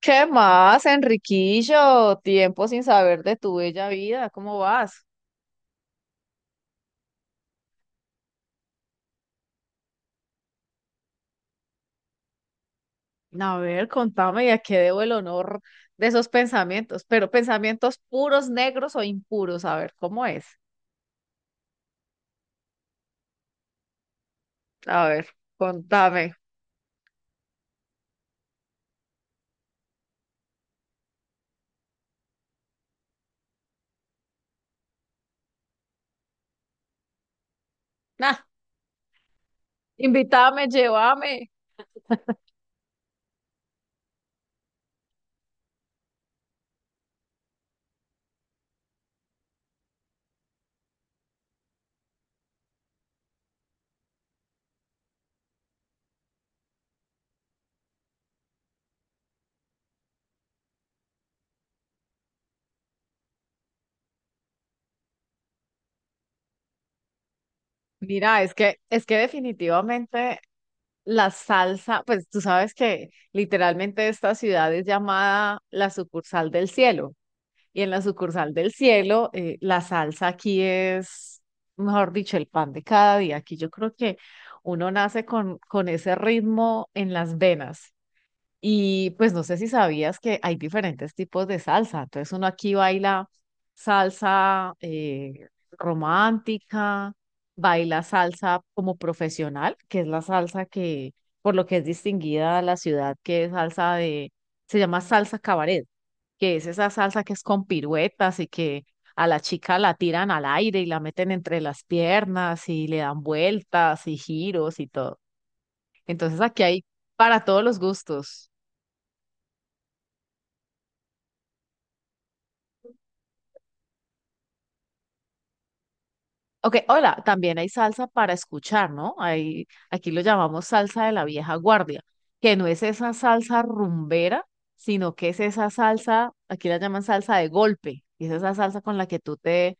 ¿Qué más, Enriquillo? Tiempo sin saber de tu bella vida. ¿Cómo vas? A ver, contame, ¿y a qué debo el honor de esos pensamientos? Pero pensamientos puros, negros o impuros. A ver, ¿cómo es? A ver, contame. Nah, invítame, llévame. Mira, es que definitivamente la salsa, pues tú sabes que literalmente esta ciudad es llamada la sucursal del cielo. Y en la sucursal del cielo, la salsa aquí es, mejor dicho, el pan de cada día. Aquí yo creo que uno nace con ese ritmo en las venas. Y pues no sé si sabías que hay diferentes tipos de salsa. Entonces uno aquí baila salsa romántica, baila salsa como profesional, que es la salsa que, por lo que es distinguida a la ciudad, que es salsa de, se llama salsa cabaret, que es esa salsa que es con piruetas y que a la chica la tiran al aire y la meten entre las piernas y le dan vueltas y giros y todo. Entonces aquí hay para todos los gustos. Ok, hola, también hay salsa para escuchar, ¿no? Hay, aquí lo llamamos salsa de la vieja guardia, que no es esa salsa rumbera, sino que es esa salsa, aquí la llaman salsa de golpe, y es esa salsa con la que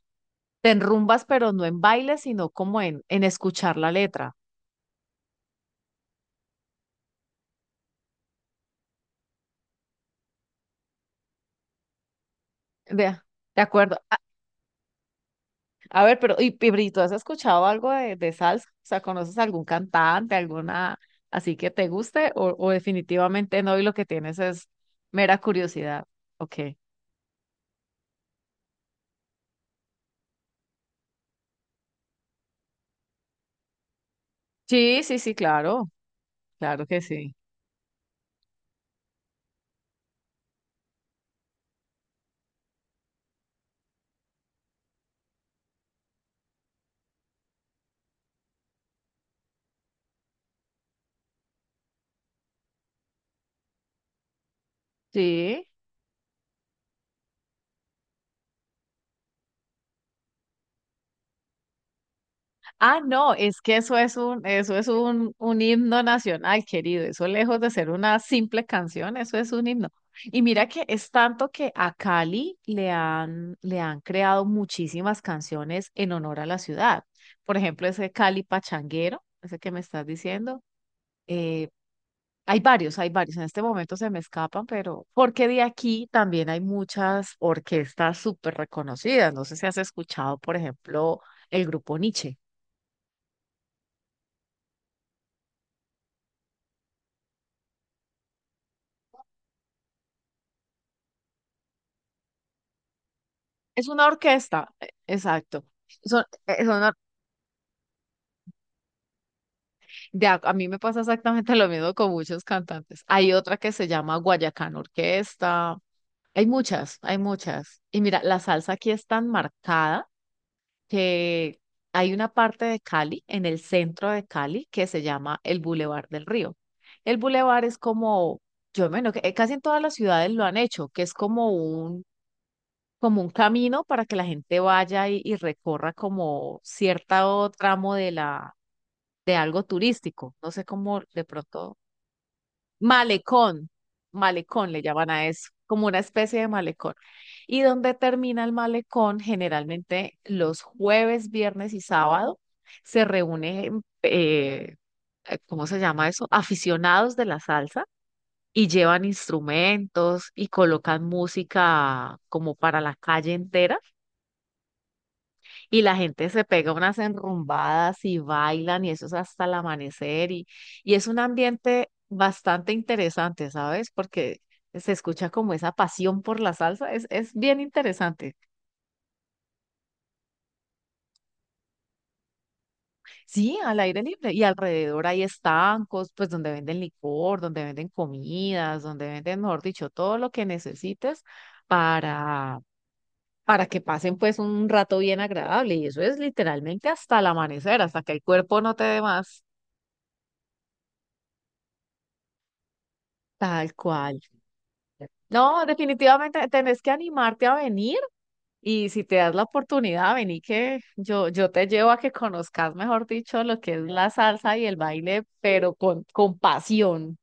te enrumbas, pero no en baile, sino como en escuchar la letra. Vea, de acuerdo. A ver, pero, y Bri, ¿tú has escuchado algo de salsa? O sea, ¿conoces algún cantante, alguna así que te guste? O definitivamente no, y lo que tienes es mera curiosidad. Ok. Sí, sí, sí, claro, claro que sí. Sí. Ah, no, es que eso es un himno nacional, querido. Eso lejos de ser una simple canción, eso es un himno. Y mira que es tanto que a Cali le han creado muchísimas canciones en honor a la ciudad. Por ejemplo, ese Cali Pachanguero, ese que me estás diciendo. Eh, hay varios, hay varios. En este momento se me escapan, pero porque de aquí también hay muchas orquestas súper reconocidas. No sé si has escuchado, por ejemplo, el grupo Nietzsche. Es una orquesta, exacto. Son, son a mí me pasa exactamente lo mismo con muchos cantantes. Hay otra que se llama Guayacán Orquesta. Hay muchas, hay muchas. Y mira, la salsa aquí es tan marcada que hay una parte de Cali, en el centro de Cali, que se llama el Boulevard del Río. El Boulevard es como, yo menos, casi en todas las ciudades lo han hecho, que es como como un camino para que la gente vaya y recorra como cierto tramo de algo turístico. No sé cómo de pronto, malecón, malecón le llaman a eso, como una especie de malecón. Y donde termina el malecón, generalmente los jueves, viernes y sábado se reúnen, ¿cómo se llama eso? Aficionados de la salsa. Y llevan instrumentos y colocan música como para la calle entera. Y la gente se pega unas enrumbadas y bailan y eso es hasta el amanecer y es un ambiente bastante interesante, ¿sabes? Porque se escucha como esa pasión por la salsa, es bien interesante. Sí, al aire libre y alrededor hay estancos, pues donde venden licor, donde venden comidas, donde venden, mejor dicho, todo lo que necesites para, para que pasen pues un rato bien agradable y eso es literalmente hasta el amanecer, hasta que el cuerpo no te dé más. Tal cual. No, definitivamente tenés que animarte a venir y si te das la oportunidad, vení que yo te llevo a que conozcas, mejor dicho, lo que es la salsa y el baile, pero con pasión.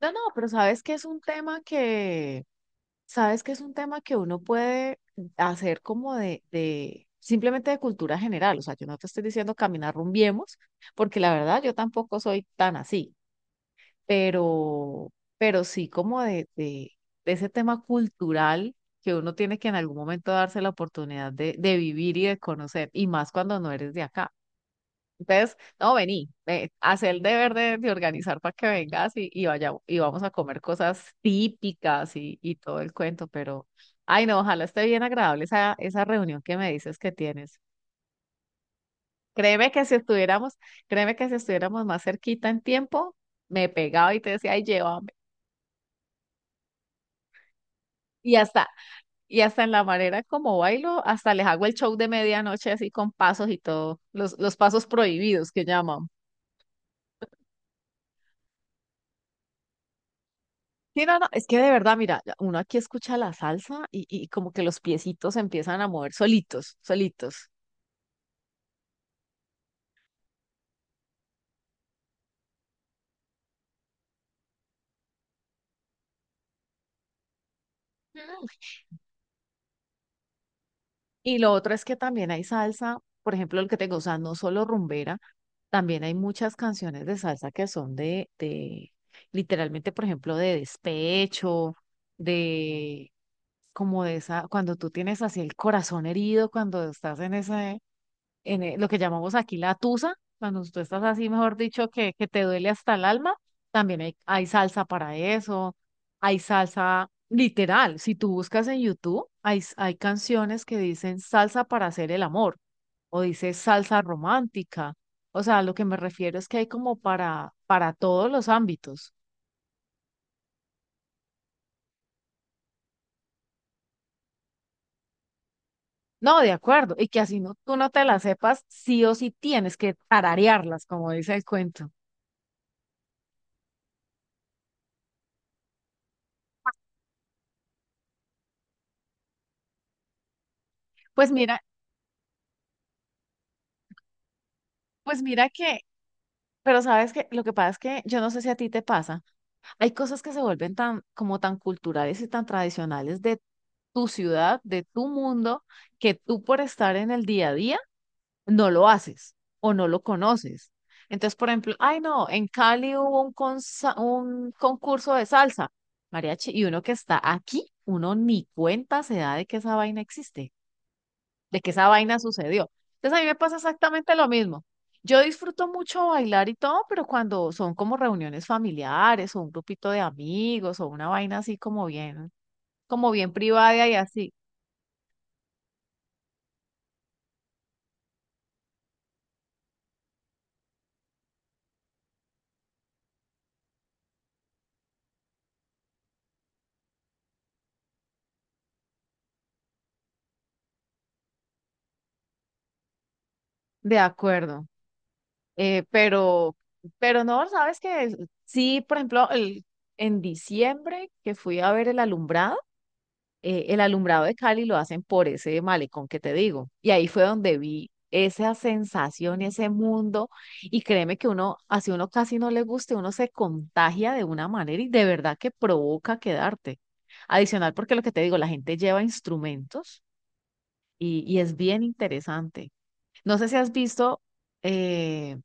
No, no, pero sabes que es un tema que uno puede hacer como simplemente de cultura general. O sea, yo no te estoy diciendo caminar rumbiemos, porque la verdad yo tampoco soy tan así. pero, pero sí como de ese tema cultural que uno tiene que en algún momento darse la oportunidad de vivir y de conocer, y más cuando no eres de acá. Entonces, no, vení, ve, haz el deber de organizar para que vengas y vaya, y vamos a comer cosas típicas y todo el cuento, pero, ay no, ojalá esté bien agradable esa, esa reunión que me dices que tienes. Créeme que si estuviéramos, Créeme que si estuviéramos más cerquita en tiempo, me pegaba y te decía, ay, llévame. Y hasta, Y hasta en la manera como bailo, hasta les hago el show de medianoche así con pasos y todo, los pasos prohibidos que llaman. Sí, no, no, es que de verdad, mira, uno aquí escucha la salsa y como que los piecitos empiezan a mover solitos, solitos. Mm. Y lo otro es que también hay salsa, por ejemplo, el que tengo, o sea, no solo rumbera, también hay muchas canciones de salsa que son de literalmente, por ejemplo, de despecho, de como de esa, cuando tú tienes así el corazón herido, cuando estás en ese, lo que llamamos aquí la tusa, cuando tú estás así, mejor dicho, que te duele hasta el alma, también hay salsa para eso, hay salsa literal, si tú buscas en YouTube, hay canciones que dicen salsa para hacer el amor, o dice salsa romántica, o sea, lo que me refiero es que hay como para todos los ámbitos. No, de acuerdo. Y que así no, tú no te las sepas, sí o sí tienes que tararearlas, como dice el cuento. Pues mira, pues mira que, pero sabes que lo que pasa es que yo no sé si a ti te pasa. Hay cosas que se vuelven tan, como tan culturales y tan tradicionales de tu ciudad, de tu mundo, que tú por estar en el día a día no lo haces o no lo conoces. Entonces, por ejemplo, ay no, en Cali hubo un, un concurso de salsa, mariachi, y uno que está aquí, uno ni cuenta se da de que esa vaina existe, de que esa vaina sucedió. Entonces a mí me pasa exactamente lo mismo. Yo disfruto mucho bailar y todo, pero cuando son como reuniones familiares o un grupito de amigos o una vaina así como bien privada y así, de acuerdo. Eh, pero, pero no, sabes que sí, por ejemplo, el, en diciembre que fui a ver el alumbrado de Cali lo hacen por ese malecón que te digo. Y ahí fue donde vi esa sensación, ese mundo. Y créeme que uno, así uno casi no le guste, uno se contagia de una manera y de verdad que provoca quedarte. Adicional, porque lo que te digo, la gente lleva instrumentos y es bien interesante. No sé si has visto eh,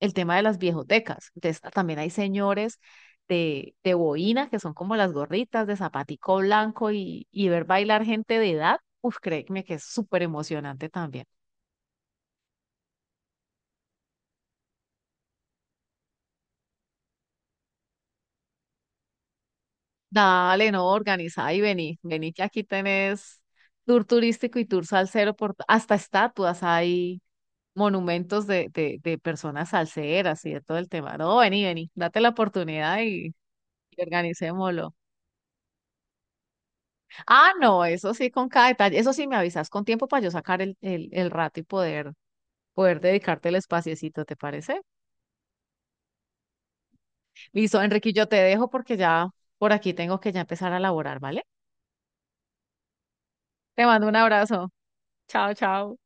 el tema de las viejotecas. Entonces, también hay señores de boina, que son como las gorritas de zapatico blanco y ver bailar gente de edad. Uf, créeme que es súper emocionante también. Dale, no, organiza y vení, vení que aquí tenés tour turístico y tour salsero por hasta estatuas hay monumentos de personas salseras y de todo el tema. No, vení, vení, date la oportunidad y organicémoslo. Ah, no, eso sí, con cada detalle. Eso sí, me avisas con tiempo para yo sacar el rato y poder, poder dedicarte el espaciecito, ¿te parece? Listo, Enrique, yo te dejo porque ya por aquí tengo que ya empezar a laborar, ¿vale? Te mando un abrazo. Chao, chao.